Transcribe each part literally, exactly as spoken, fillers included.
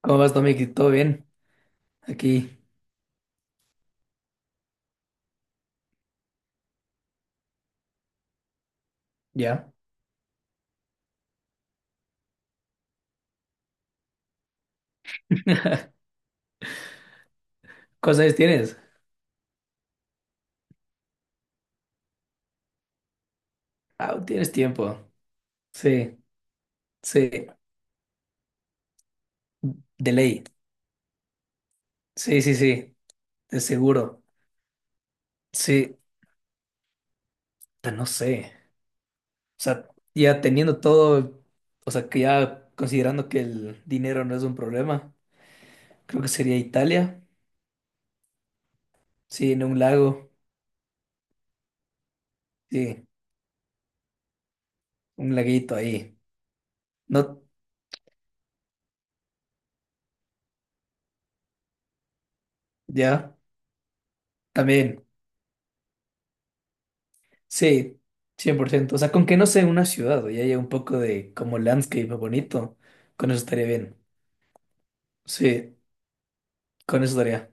¿Cómo vas, Tommy? ¿Todo bien? Aquí, ya. ¿Cosas tienes? Ah, tienes tiempo. Sí, sí, de ley. Sí, sí, sí, de seguro. Sí, pero no sé. O sea, ya teniendo todo, o sea, que ya considerando que el dinero no es un problema, creo que sería Italia. Sí, en un lago. Sí, un laguito ahí. No, ya, también. Sí, cien por ciento. O sea, con que no sea una ciudad y haya un poco de como landscape bonito, con eso estaría bien. Sí, con eso estaría.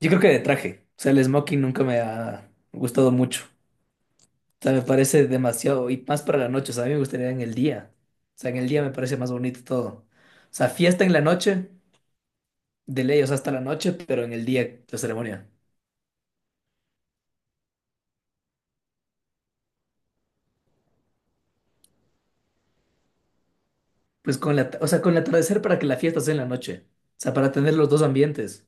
Yo creo que de traje. O sea, el smoking nunca me ha gustado mucho. O sea, me parece demasiado, y más para la noche. O sea, a mí me gustaría en el día. O sea, en el día me parece más bonito todo. O sea, fiesta en la noche, de ley, o sea, hasta la noche, pero en el día la ceremonia. Pues con la, o sea, con el atardecer para que la fiesta sea en la noche. O sea, para tener los dos ambientes.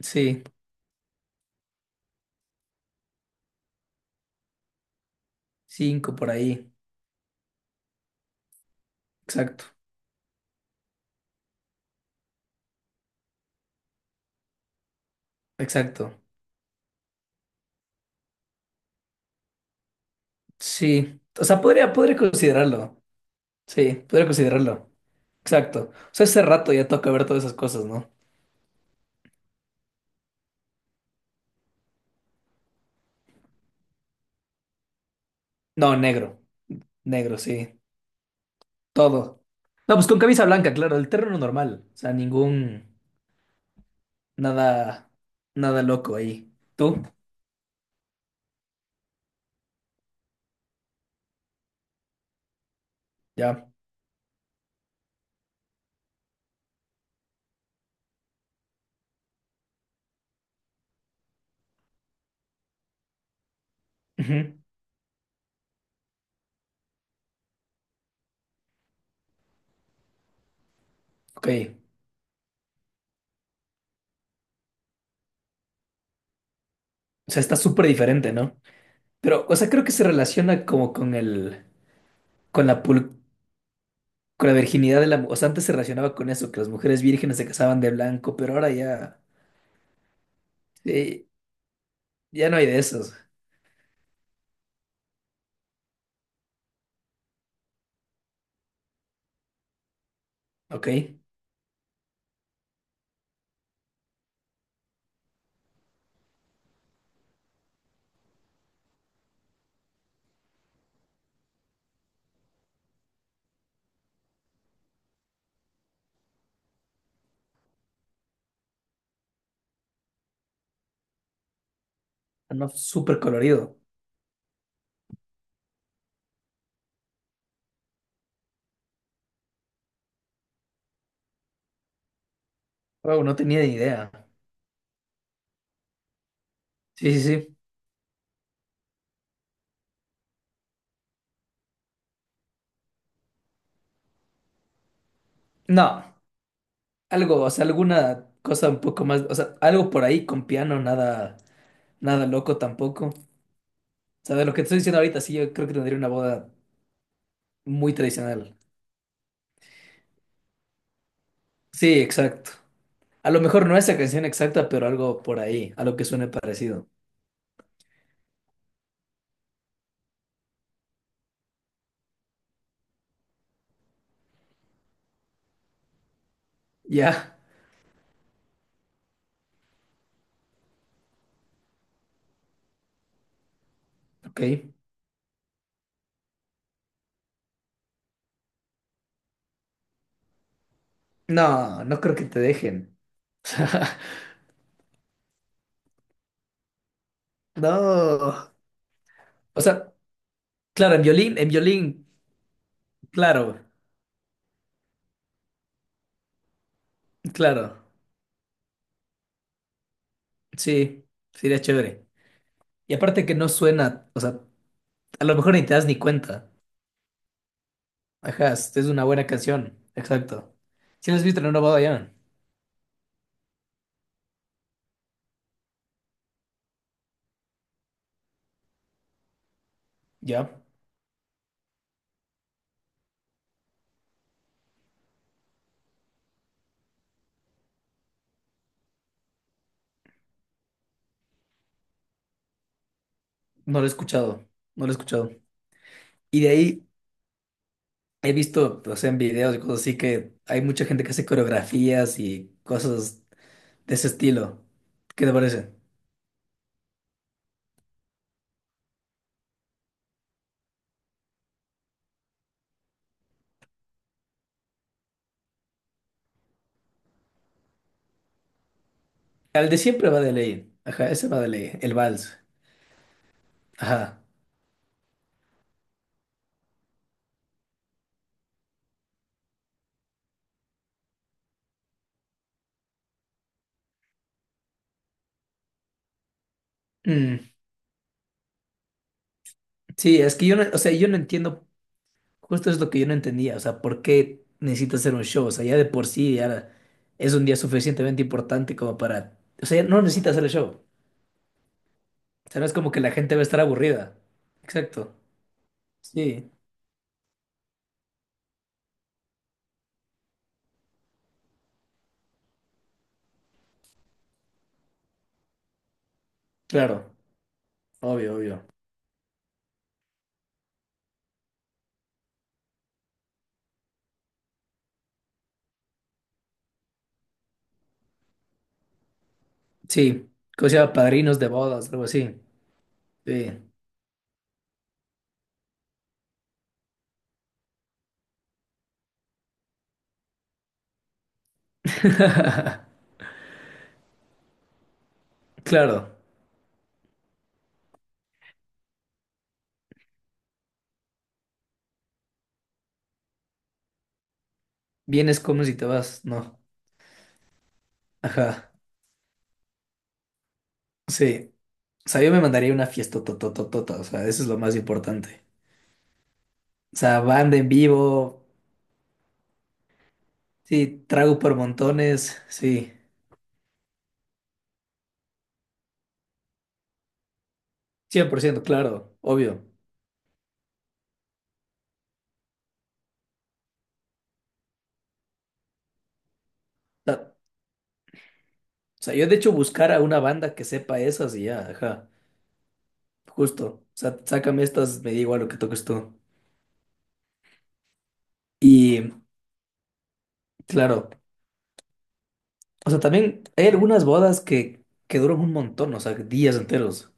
Sí, cinco por ahí. Exacto. Exacto. Sí. O sea, podría, podría considerarlo. Sí, podría considerarlo. Exacto. O sea, ese rato ya toca ver todas esas cosas, ¿no? No, negro. Negro, sí. Todo. No, pues con camisa blanca, claro, el terreno normal. O sea, ningún. Nada. Nada loco ahí. ¿Tú? Ya. Ujú. Ok. O sea, está súper diferente, ¿no? Pero, o sea, creo que se relaciona como con el. Con la pul- Con la virginidad de la. mu- O sea, antes se relacionaba con eso, que las mujeres vírgenes se casaban de blanco, pero ahora ya. Sí, ya no hay de esos. Ok. No, súper colorido. Wow, no tenía ni idea. Sí, sí, sí. No, algo, o sea, alguna cosa un poco más, o sea, algo por ahí con piano, nada, nada loco tampoco. Sabes lo que te estoy diciendo ahorita, sí, yo creo que tendría una boda muy tradicional. Sí, exacto. A lo mejor no esa canción exacta, pero algo por ahí, algo que suene parecido. Ya, ok. No, no creo que te dejen. No. O sea, claro, en violín, en violín, claro. Claro, sí, sería chévere. Y aparte que no suena, o sea, a lo mejor ni te das ni cuenta. Ajá, es es una buena canción, exacto. ¿Si la has visto en una boda ya? Ya, no lo he escuchado, no lo he escuchado. Y de ahí he visto, o sea, en videos y cosas así que hay mucha gente que hace coreografías y cosas de ese estilo. ¿Qué te parece? El de siempre va de ley, ajá, ese va de ley, el vals, ajá. Mm, sí, es que yo no, o sea, yo no entiendo. Justo es lo que yo no entendía, o sea, ¿por qué necesitas hacer un show? O sea, ya de por sí ya es un día suficientemente importante como para... O sea, ya no necesitas hacer el show. O sea, no es como que la gente va a estar aburrida. Exacto. Sí, claro, obvio, obvio. Sí, cosa sea, padrinos de bodas, algo así. Sí. Claro, vienes, comes y te vas, ¿no? Ajá, sí. O sea, yo me mandaría una fiesta totototota, o sea, eso es lo más importante. O sea, banda en vivo. Sí, trago por montones, sí, cien por ciento claro, obvio. Ta- o sea, yo de hecho buscar a una banda que sepa esas y ya, ajá, justo. O sea, sácame estas, me da igual lo que toques tú. Y claro, o sea, también hay algunas bodas que, que duran un montón, o sea, días enteros.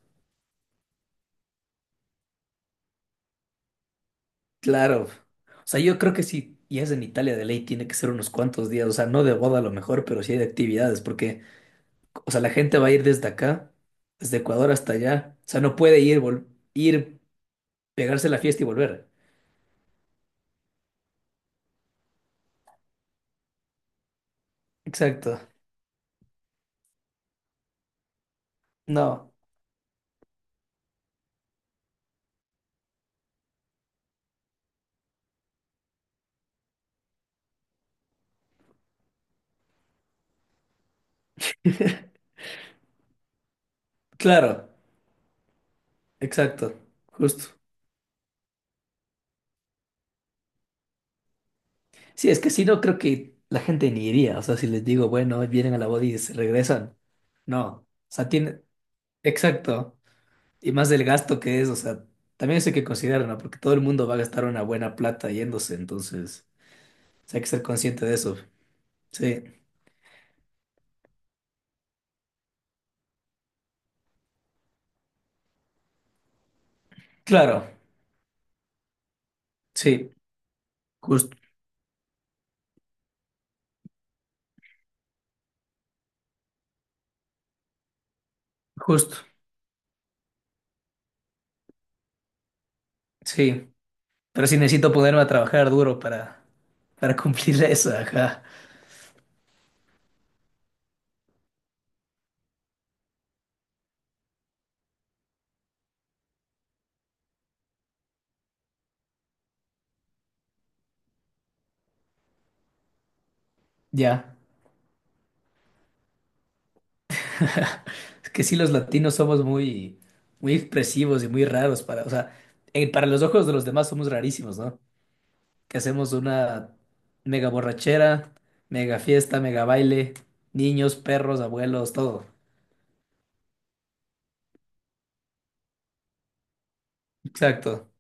Claro. O sea, yo creo que si ya es en Italia de ley, tiene que ser unos cuantos días, o sea, no de boda a lo mejor, pero sí hay de actividades, porque, o sea, la gente va a ir desde acá, desde Ecuador hasta allá, o sea, no puede ir, vol- ir pegarse la fiesta y volver. Exacto. No. Claro, exacto, justo. Sí, es que si no, creo que la gente ni iría. O sea, si les digo, bueno, vienen a la boda y se regresan. No. O sea, tiene. Exacto. Y más del gasto que es, o sea, también eso hay que considerar, ¿no? Porque todo el mundo va a gastar una buena plata yéndose, entonces, o sea, hay que ser consciente de eso. Sí, claro, sí, justo, justo, sí. Pero sí necesito ponerme a trabajar duro para, para cumplir eso, ajá. Ya. Es que sí, los latinos somos muy, muy expresivos y muy raros para, o sea, eh, para los ojos de los demás somos rarísimos, ¿no? Que hacemos una mega borrachera, mega fiesta, mega baile, niños, perros, abuelos, todo. Exacto.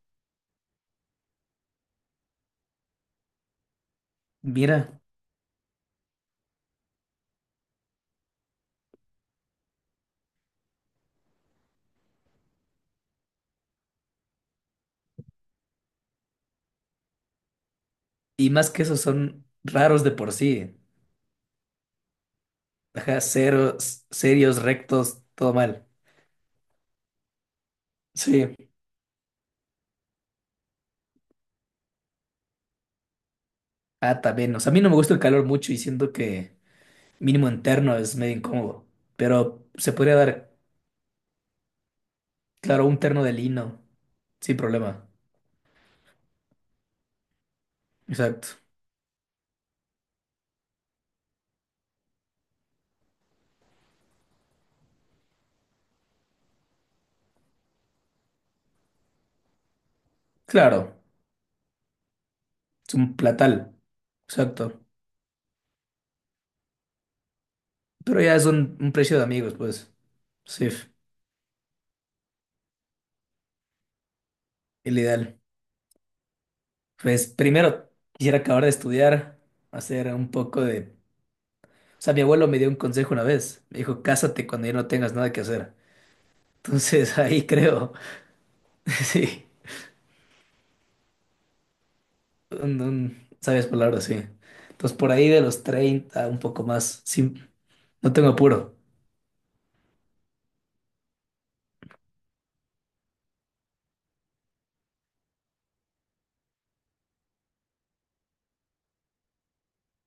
Mira, y más que eso son raros de por sí. Ajá, ceros, serios, rectos, todo mal. Sí. Ah, también. O sea, a mí no me gusta el calor mucho y siento que mínimo interno es medio incómodo, pero se podría dar. Claro, un terno de lino, sin problema. Exacto. Claro, es un platal. Exacto. Pero ya es un, un precio de amigos, pues. Sí, el ideal. Pues primero quisiera acabar de estudiar, hacer un poco de... O sea, mi abuelo me dio un consejo una vez. Me dijo, cásate cuando ya no tengas nada que hacer. Entonces ahí creo, sí, un, un- sabias palabras, sí. Entonces por ahí de los treinta, un poco más. Sí, no tengo apuro.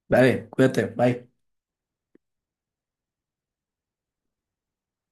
Vale, cuídate, bye.